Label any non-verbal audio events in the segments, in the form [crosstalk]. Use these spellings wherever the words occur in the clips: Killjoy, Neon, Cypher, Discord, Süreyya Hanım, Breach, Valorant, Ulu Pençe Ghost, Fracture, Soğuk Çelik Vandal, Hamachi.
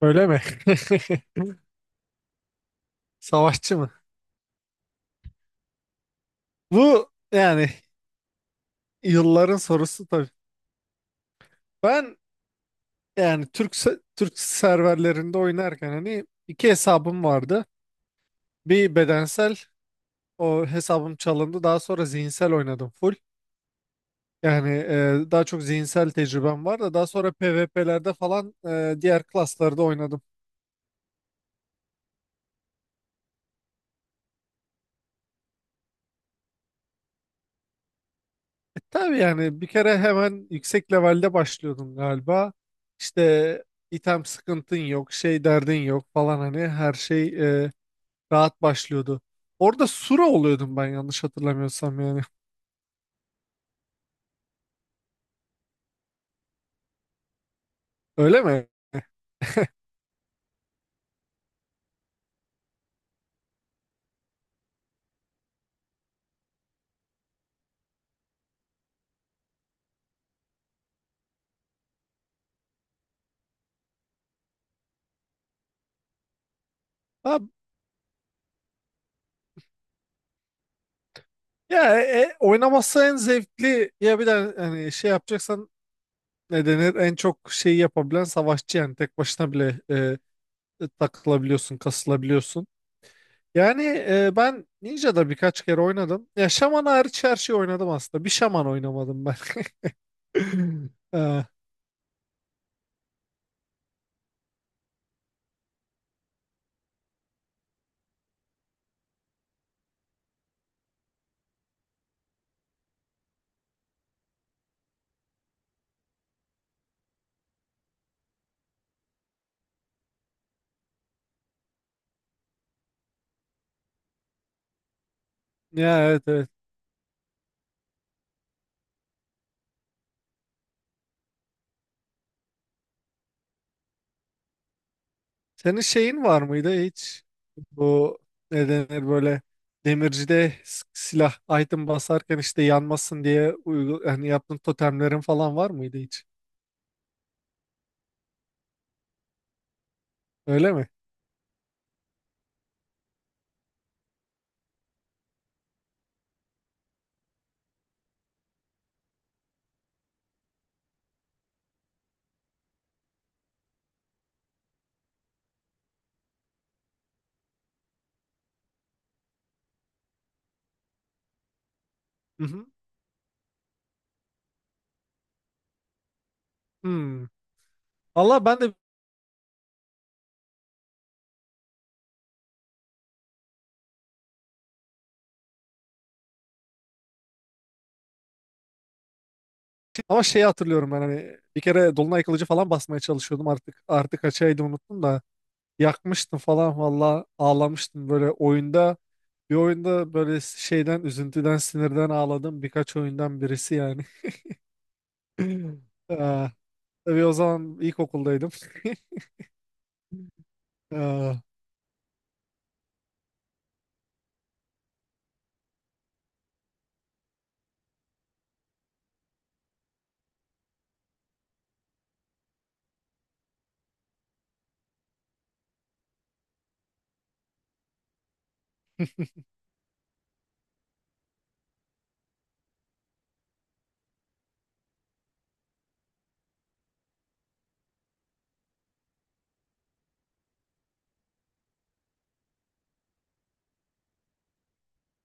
Öyle mi? [laughs] Savaşçı mı? Bu, yani yılların sorusu tabii. Ben, yani Türk Türk serverlerinde oynarken hani iki hesabım vardı. Bir bedensel o hesabım çalındı. Daha sonra zihinsel oynadım full. Yani daha çok zihinsel tecrübem var da daha sonra PvP'lerde falan diğer klaslarda oynadım. Tabii yani bir kere hemen yüksek levelde başlıyordun galiba. İşte item sıkıntın yok, şey derdin yok falan hani her şey e, rahat başlıyordu. Orada Sura oluyordum ben yanlış hatırlamıyorsam yani. Öyle mi? Abi, ya oynaması en zevkli ya, bir de hani şey yapacaksan ne denir en çok şeyi yapabilen savaşçı yani, tek başına bile takılabiliyorsun, kasılabiliyorsun. Yani ben Ninja'da birkaç kere oynadım. Ya şaman hariç her şeyi oynadım aslında. Bir şaman oynamadım ben. [laughs] Ha, ya, evet evet. Senin şeyin var mıydı hiç? Bu ne denir böyle demircide silah item basarken işte yanmasın diye uygu yani yaptığın totemlerin falan var mıydı hiç? Öyle mi? Hı hı. Hmm. Valla ben de bir ama şeyi hatırlıyorum, ben hani bir kere dolunay kılıcı falan basmaya çalışıyordum, artık artık kaçaydı unuttum da yakmıştım falan, valla ağlamıştım böyle oyunda. Bir oyunda böyle şeyden, üzüntüden, sinirden ağladım birkaç oyundan birisi yani. [clears throat] [laughs] Ee, tabii o zaman ilkokuldaydım. [laughs] Ee,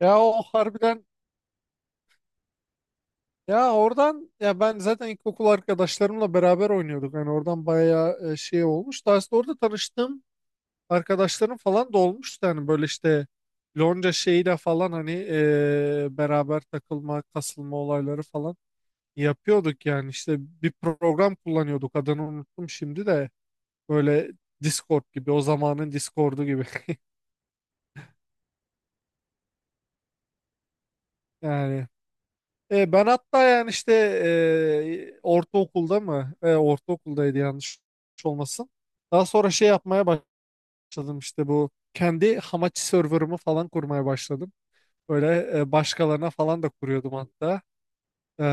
Ya o harbiden, ya oradan, ya ben zaten ilkokul arkadaşlarımla beraber oynuyorduk. Yani oradan bayağı şey olmuş. Daha sonra orada tanıştığım arkadaşlarım falan da olmuştu. Yani böyle işte Lonca şeyiyle falan hani beraber takılma, kasılma olayları falan yapıyorduk yani. İşte bir program kullanıyorduk, adını unuttum şimdi de, böyle Discord gibi, o zamanın Discord'u gibi. [laughs] Yani ben hatta yani işte ortaokulda mı, ortaokuldaydı yanlış olmasın, daha sonra şey yapmaya başladım. İşte bu kendi Hamachi server'ımı falan kurmaya başladım, böyle başkalarına falan da kuruyordum hatta. E,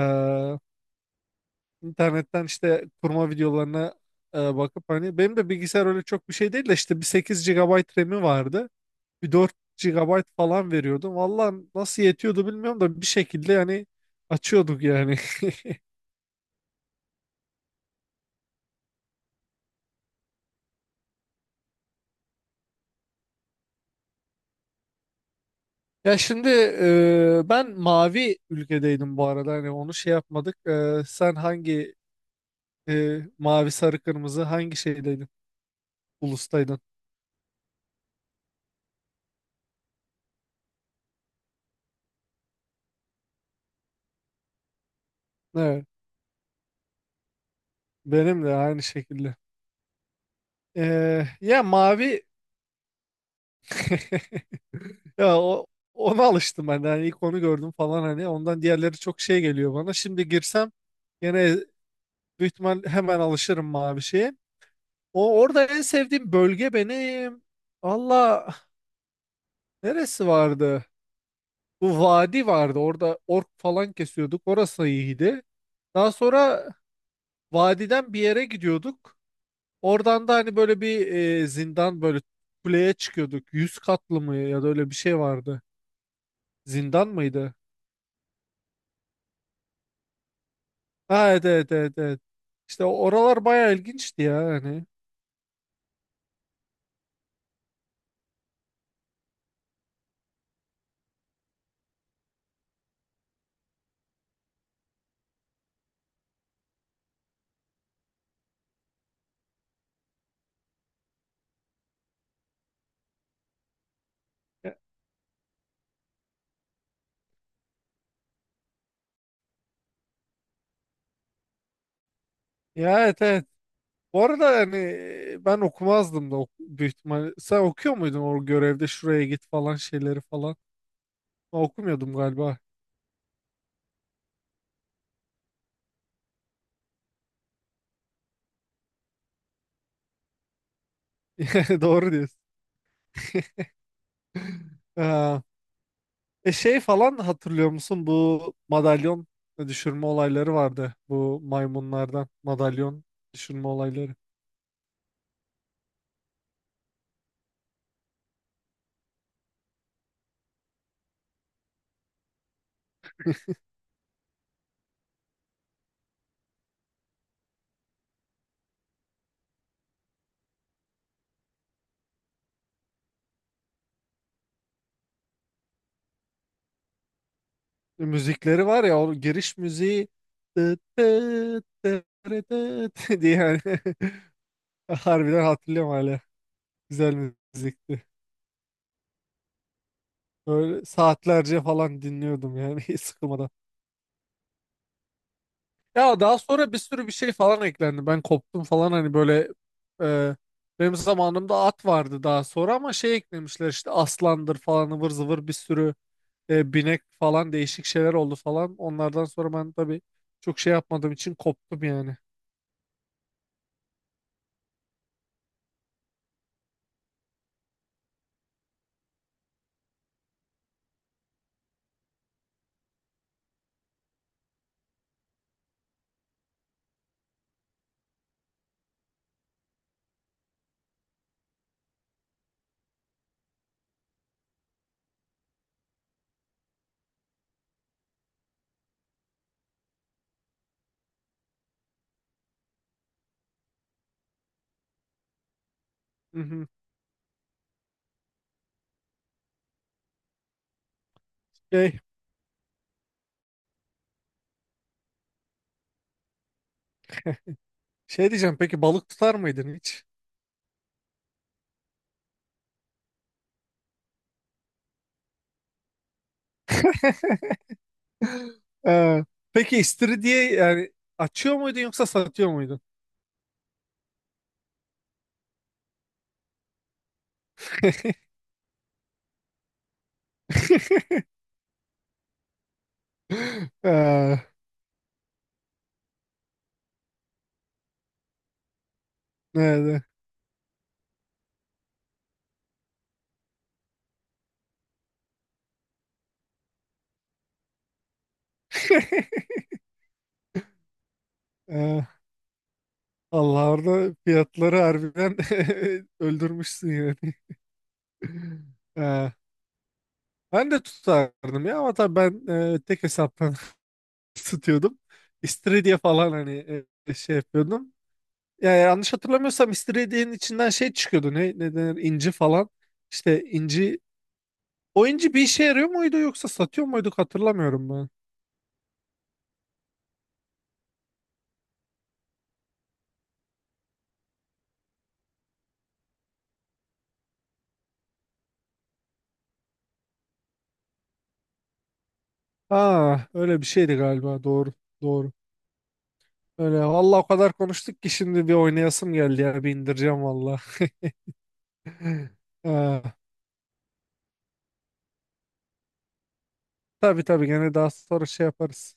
İnternetten işte kurma videolarına bakıp, hani benim de bilgisayar öyle çok bir şey değil de, işte bir 8 GB RAM'i vardı. Bir 4 GB falan veriyordum. Vallahi nasıl yetiyordu bilmiyorum da bir şekilde yani açıyorduk yani. [laughs] Ya şimdi ben mavi ülkedeydim bu arada, hani onu şey yapmadık. Sen hangi mavi, sarı, kırmızı, hangi şeydeydin? Ulustaydın. Evet. Benim de aynı şekilde. Ya mavi. [laughs] Ya ona alıştım ben de. Hani ilk onu gördüm falan hani, ondan diğerleri çok şey geliyor bana. Şimdi girsem gene büyük ihtimal hemen alışırım mavi şeye. O orada en sevdiğim bölge benim. Valla neresi vardı? Bu vadi vardı. Orada ork falan kesiyorduk. Orası iyiydi. Daha sonra vadiden bir yere gidiyorduk. Oradan da hani böyle bir zindan, böyle kuleye çıkıyorduk. 100 katlı mı ya da öyle bir şey vardı. Zindan mıydı? Ha, evet evet evet evet. İşte oralar bayağı ilginçti ya hani. Ya, ya, evet evet. Bu arada hani ben okumazdım da büyük ihtimalle. Sen okuyor muydun o görevde şuraya git falan şeyleri falan? Ben okumuyordum galiba. [laughs] Doğru diyorsun. [laughs] Ha. Şey falan hatırlıyor musun? Bu madalyon düşürme olayları vardı. Bu maymunlardan madalyon düşürme olayları. Müzikleri var ya, o giriş müziği tıt tıt tıt tıt [laughs] diye yani. [laughs] [laughs] Harbiden hatırlıyorum hala. Güzel müzikti. Böyle saatlerce falan dinliyordum yani [laughs] hiç sıkılmadan. Ya daha sonra bir sürü bir şey falan eklendi. Ben koptum falan hani, böyle e, benim zamanımda at vardı daha sonra, ama şey eklemişler işte aslandır falan, ıvır zıvır bir sürü binek falan, değişik şeyler oldu falan. Onlardan sonra ben tabii çok şey yapmadığım için koptum yani. Hı hı. Şey, Şey diyeceğim, peki balık tutar mıydın hiç? Ee, peki istiridye, yani açıyor muydun yoksa satıyor muydun? [laughs] Ee, Nerede? Ee, Allah, orada fiyatları harbiden [laughs] öldürmüşsün yani. Ee, Ben de tutardım ya, ama tabii ben tek hesaptan [laughs] tutuyordum. İstiridye falan hani şey yapıyordum. Yani yanlış hatırlamıyorsam istiridyenin içinden şey çıkıyordu. Ne denir? İnci falan. İşte inci. O inci bir işe yarıyor muydu yoksa satıyor muyduk hatırlamıyorum ben. Aa, öyle bir şeydi galiba. Doğru. Doğru. Öyle. Vallahi o kadar konuştuk ki şimdi bir oynayasım geldi ya. Bir indireceğim valla. [laughs] Ee, tabii tabii gene daha sonra şey yaparız.